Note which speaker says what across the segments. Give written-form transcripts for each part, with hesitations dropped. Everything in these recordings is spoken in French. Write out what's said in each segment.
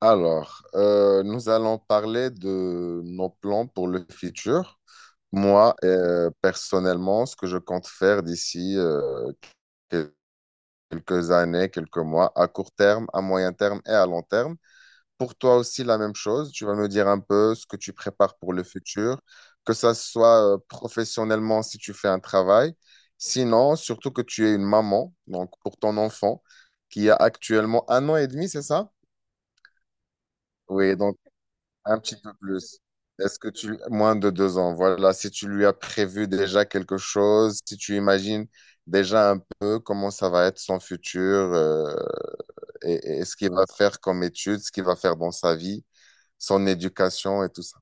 Speaker 1: Alors, nous allons parler de nos plans pour le futur. Moi, personnellement, ce que je compte faire d'ici quel- quelques années, quelques mois, à court terme, à moyen terme et à long terme. Pour toi aussi, la même chose. Tu vas me dire un peu ce que tu prépares pour le futur, que ça soit professionnellement si tu fais un travail. Sinon, surtout que tu es une maman, donc pour ton enfant qui a actuellement 1 an et demi, c'est ça? Oui, donc un petit peu plus. Est-ce que tu... Moins de 2 ans, voilà. Si tu lui as prévu déjà quelque chose, si tu imagines déjà un peu comment ça va être son futur euh, et, ce qu'il va faire comme études, ce qu'il va faire dans sa vie, son éducation et tout ça.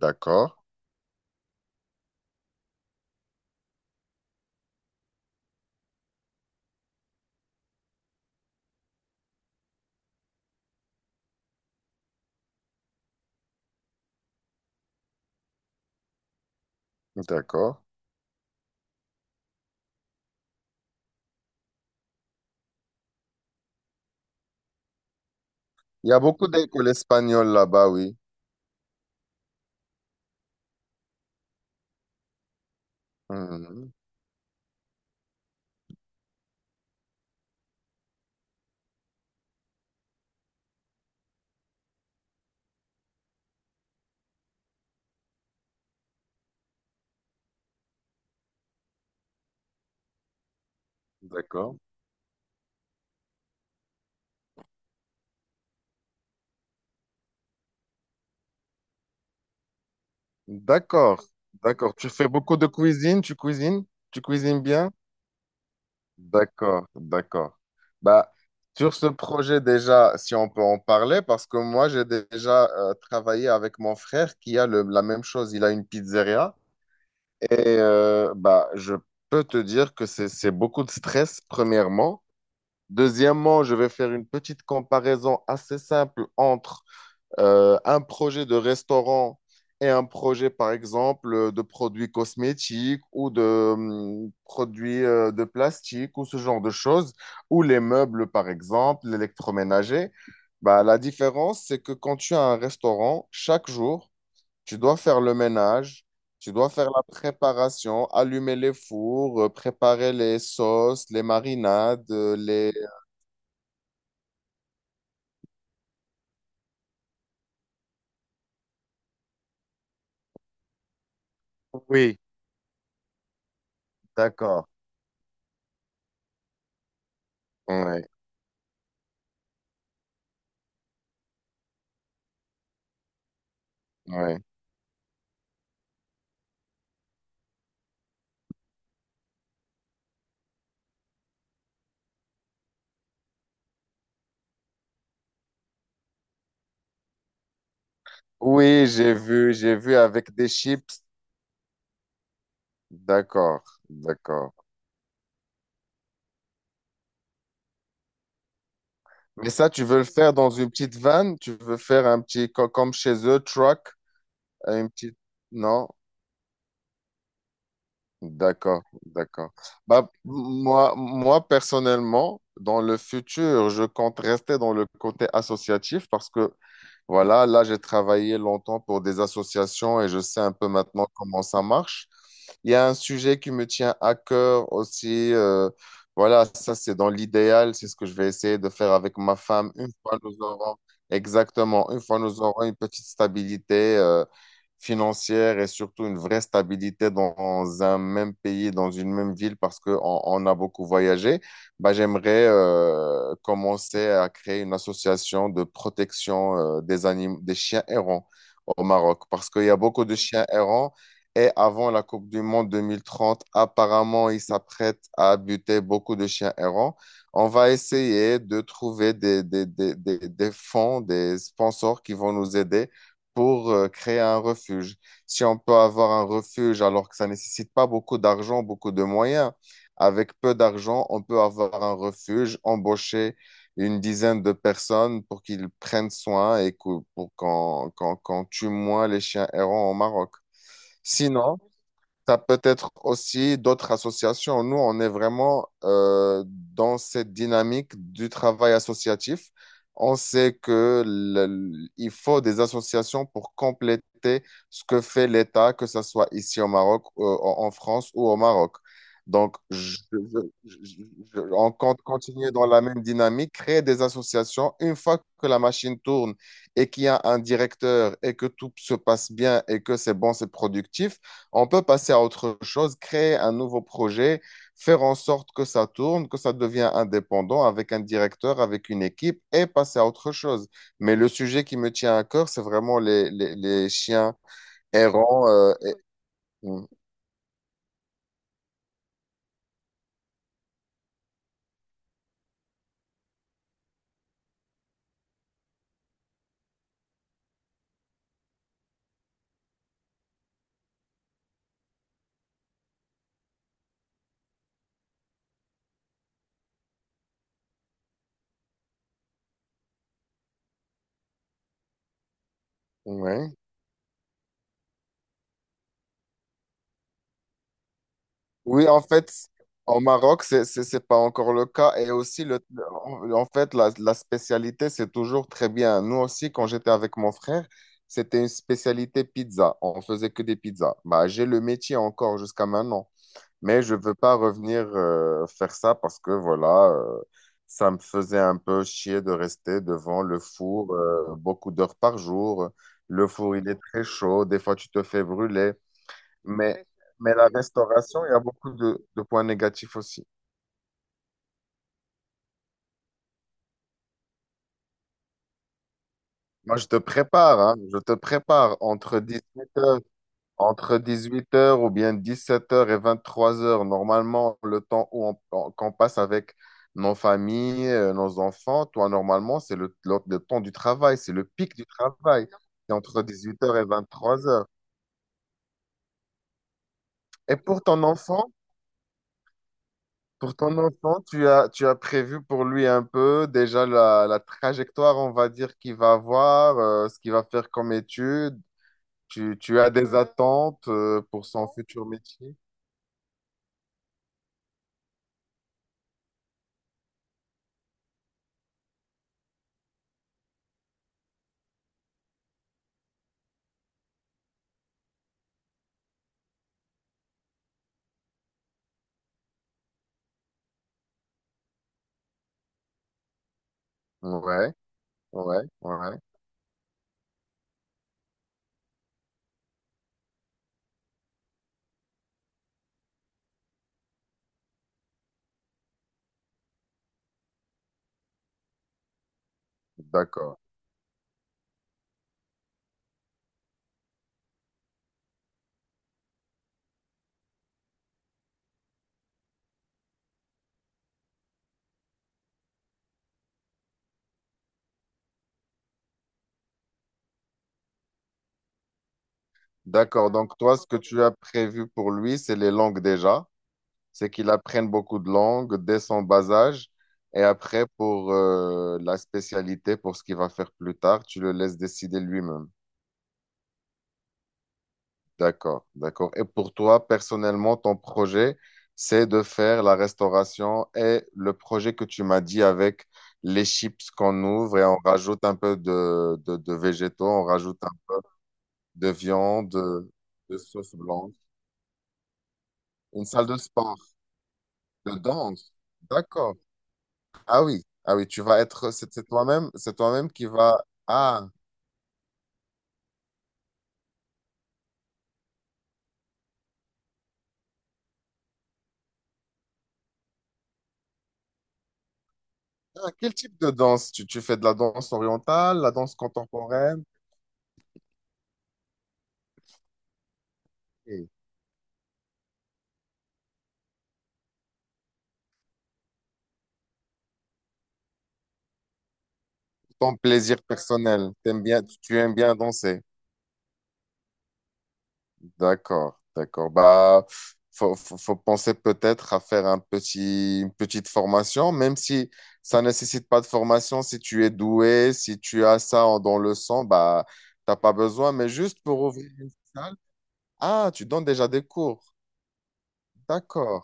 Speaker 1: D'accord, d'accord. Il y a beaucoup d'écoles espagnoles là-bas, oui. Mhm. D'accord. D'accord, d'accord. Tu fais beaucoup de cuisine, tu cuisines bien? D'accord, d'accord. Bah, sur ce projet déjà, si on peut en parler, parce que moi j'ai déjà travaillé avec mon frère qui a la même chose, il a une pizzeria et je peux te dire que c'est beaucoup de stress, premièrement. Deuxièmement, je vais faire une petite comparaison assez simple entre un projet de restaurant et un projet, par exemple, de produits cosmétiques ou de produits de plastique ou ce genre de choses, ou les meubles, par exemple, l'électroménager, bah, la différence, c'est que quand tu as un restaurant, chaque jour, tu dois faire le ménage, tu dois faire la préparation, allumer les fours, préparer les sauces, les marinades, les... Oui, d'accord. Ouais, ouais. Oui, j'ai vu avec des chips. D'accord, d'accord. Mais ça, tu veux le faire dans une petite vanne? Tu veux faire un petit, comme chez eux, truck? Une petite... Non? D'accord, d'accord. Bah, m- moi, personnellement, dans le futur, je compte rester dans le côté associatif parce que voilà, là, j'ai travaillé longtemps pour des associations et je sais un peu maintenant comment ça marche. Il y a un sujet qui me tient à cœur aussi. Voilà, ça, c'est dans l'idéal. C'est ce que je vais essayer de faire avec ma femme une fois nous aurons, exactement, une fois nous aurons une petite stabilité, financière et surtout une vraie stabilité dans un même pays, dans une même ville, parce qu'on on a beaucoup voyagé. Bah, j'aimerais commencer à créer une association de protection des animaux, des chiens errants au Maroc parce qu'il y a beaucoup de chiens errants, et avant la Coupe du Monde 2030, apparemment, ils s'apprêtent à buter beaucoup de chiens errants. On va essayer de trouver des fonds, des sponsors qui vont nous aider pour créer un refuge. Si on peut avoir un refuge alors que ça ne nécessite pas beaucoup d'argent, beaucoup de moyens, avec peu d'argent, on peut avoir un refuge, embaucher 10 personnes pour qu'ils prennent soin pour qu'on tue moins les chiens errants au Maroc. Sinon, ça peut être aussi d'autres associations. Nous, on est vraiment dans cette dynamique du travail associatif. On sait que le- il faut des associations pour compléter ce que fait l'État, que ce soit ici au Maroc, en France ou au Maroc. Donc, je- je- on compte continuer dans la même dynamique, créer des associations. Une fois que la machine tourne et qu'il y a un directeur et que tout se passe bien et que c'est bon, c'est productif, on peut passer à autre chose, créer un nouveau projet, faire en sorte que ça tourne, que ça devient indépendant avec un directeur, avec une équipe et passer à autre chose. Mais le sujet qui me tient à cœur, c'est vraiment les chiens errants. Mm, Ouais. Oui, en fait, au Maroc, c'est pas encore le cas. Et aussi, en fait, la spécialité, c'est toujours très bien. Nous aussi, quand j'étais avec mon frère, c'était une spécialité pizza. On faisait que des pizzas. Bah, j'ai le métier encore jusqu'à maintenant. Mais je veux pas revenir faire ça parce que, ça me faisait un peu chier de rester devant le four beaucoup d'heures par jour. Le four, il est très chaud. Des fois, tu te fais brûler. Mais, mais la restauration, il y a beaucoup de points négatifs aussi. Moi, je te prépare, hein, je te prépare entre dix-huit heures ou bien 17 heures et 23 heures. Normalement, le temps où qu'on passe avec nos familles, nos enfants, toi, normalement, c'est le temps du travail, c'est le pic du travail. C'est entre 18 heures et vingt-trois heures. Et pour ton enfant, pour ton enfant, tu as prévu pour lui un peu déjà la trajectoire, on va dire, qu'il va avoir, ce qu'il va faire comme étude. Tu as des attentes, pour son futur métier? Ouais, ouais. D'accord. D'accord. Donc, toi, ce que tu as prévu pour lui, c'est les langues déjà. C'est qu'il apprenne beaucoup de langues dès son bas âge. Et après, pour, la spécialité, pour ce qu'il va faire plus tard, tu le laisses décider lui-même. D'accord, d'accord. Et pour toi, personnellement, ton projet, c'est de faire la restauration et le projet que tu m'as dit avec les chips qu'on ouvre et on rajoute un peu de végétaux, on rajoute un peu de viande, de sauce blanche. Une salle de sport, de danse. D'accord. Ah oui, ah oui, tu vas être, c'est toi-même qui va. Ah, ah, quel type de danse? Tu fais de la danse orientale, la danse contemporaine? Ok. Ton plaisir personnel, t'aimes bien, tu aimes bien danser. D'accord, d'accord. Bah, faut penser peut-être à faire un petit, une petite formation, même si ça ne nécessite pas de formation. Si tu es doué, si tu as ça dans le sang, bah, t'as pas besoin. Mais juste pour ouvrir une salle. Ah, tu donnes déjà des cours. D'accord.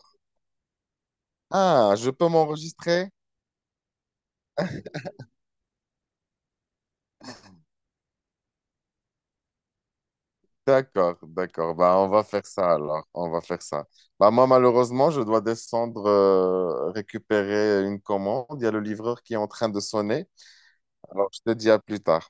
Speaker 1: Ah, je peux m'enregistrer? D'accord, d'accord. Bah, on va faire ça alors. On va faire ça. Bah, moi, malheureusement, je dois descendre récupérer une commande. Il y a le livreur qui est en train de sonner. Alors, je te dis à plus tard.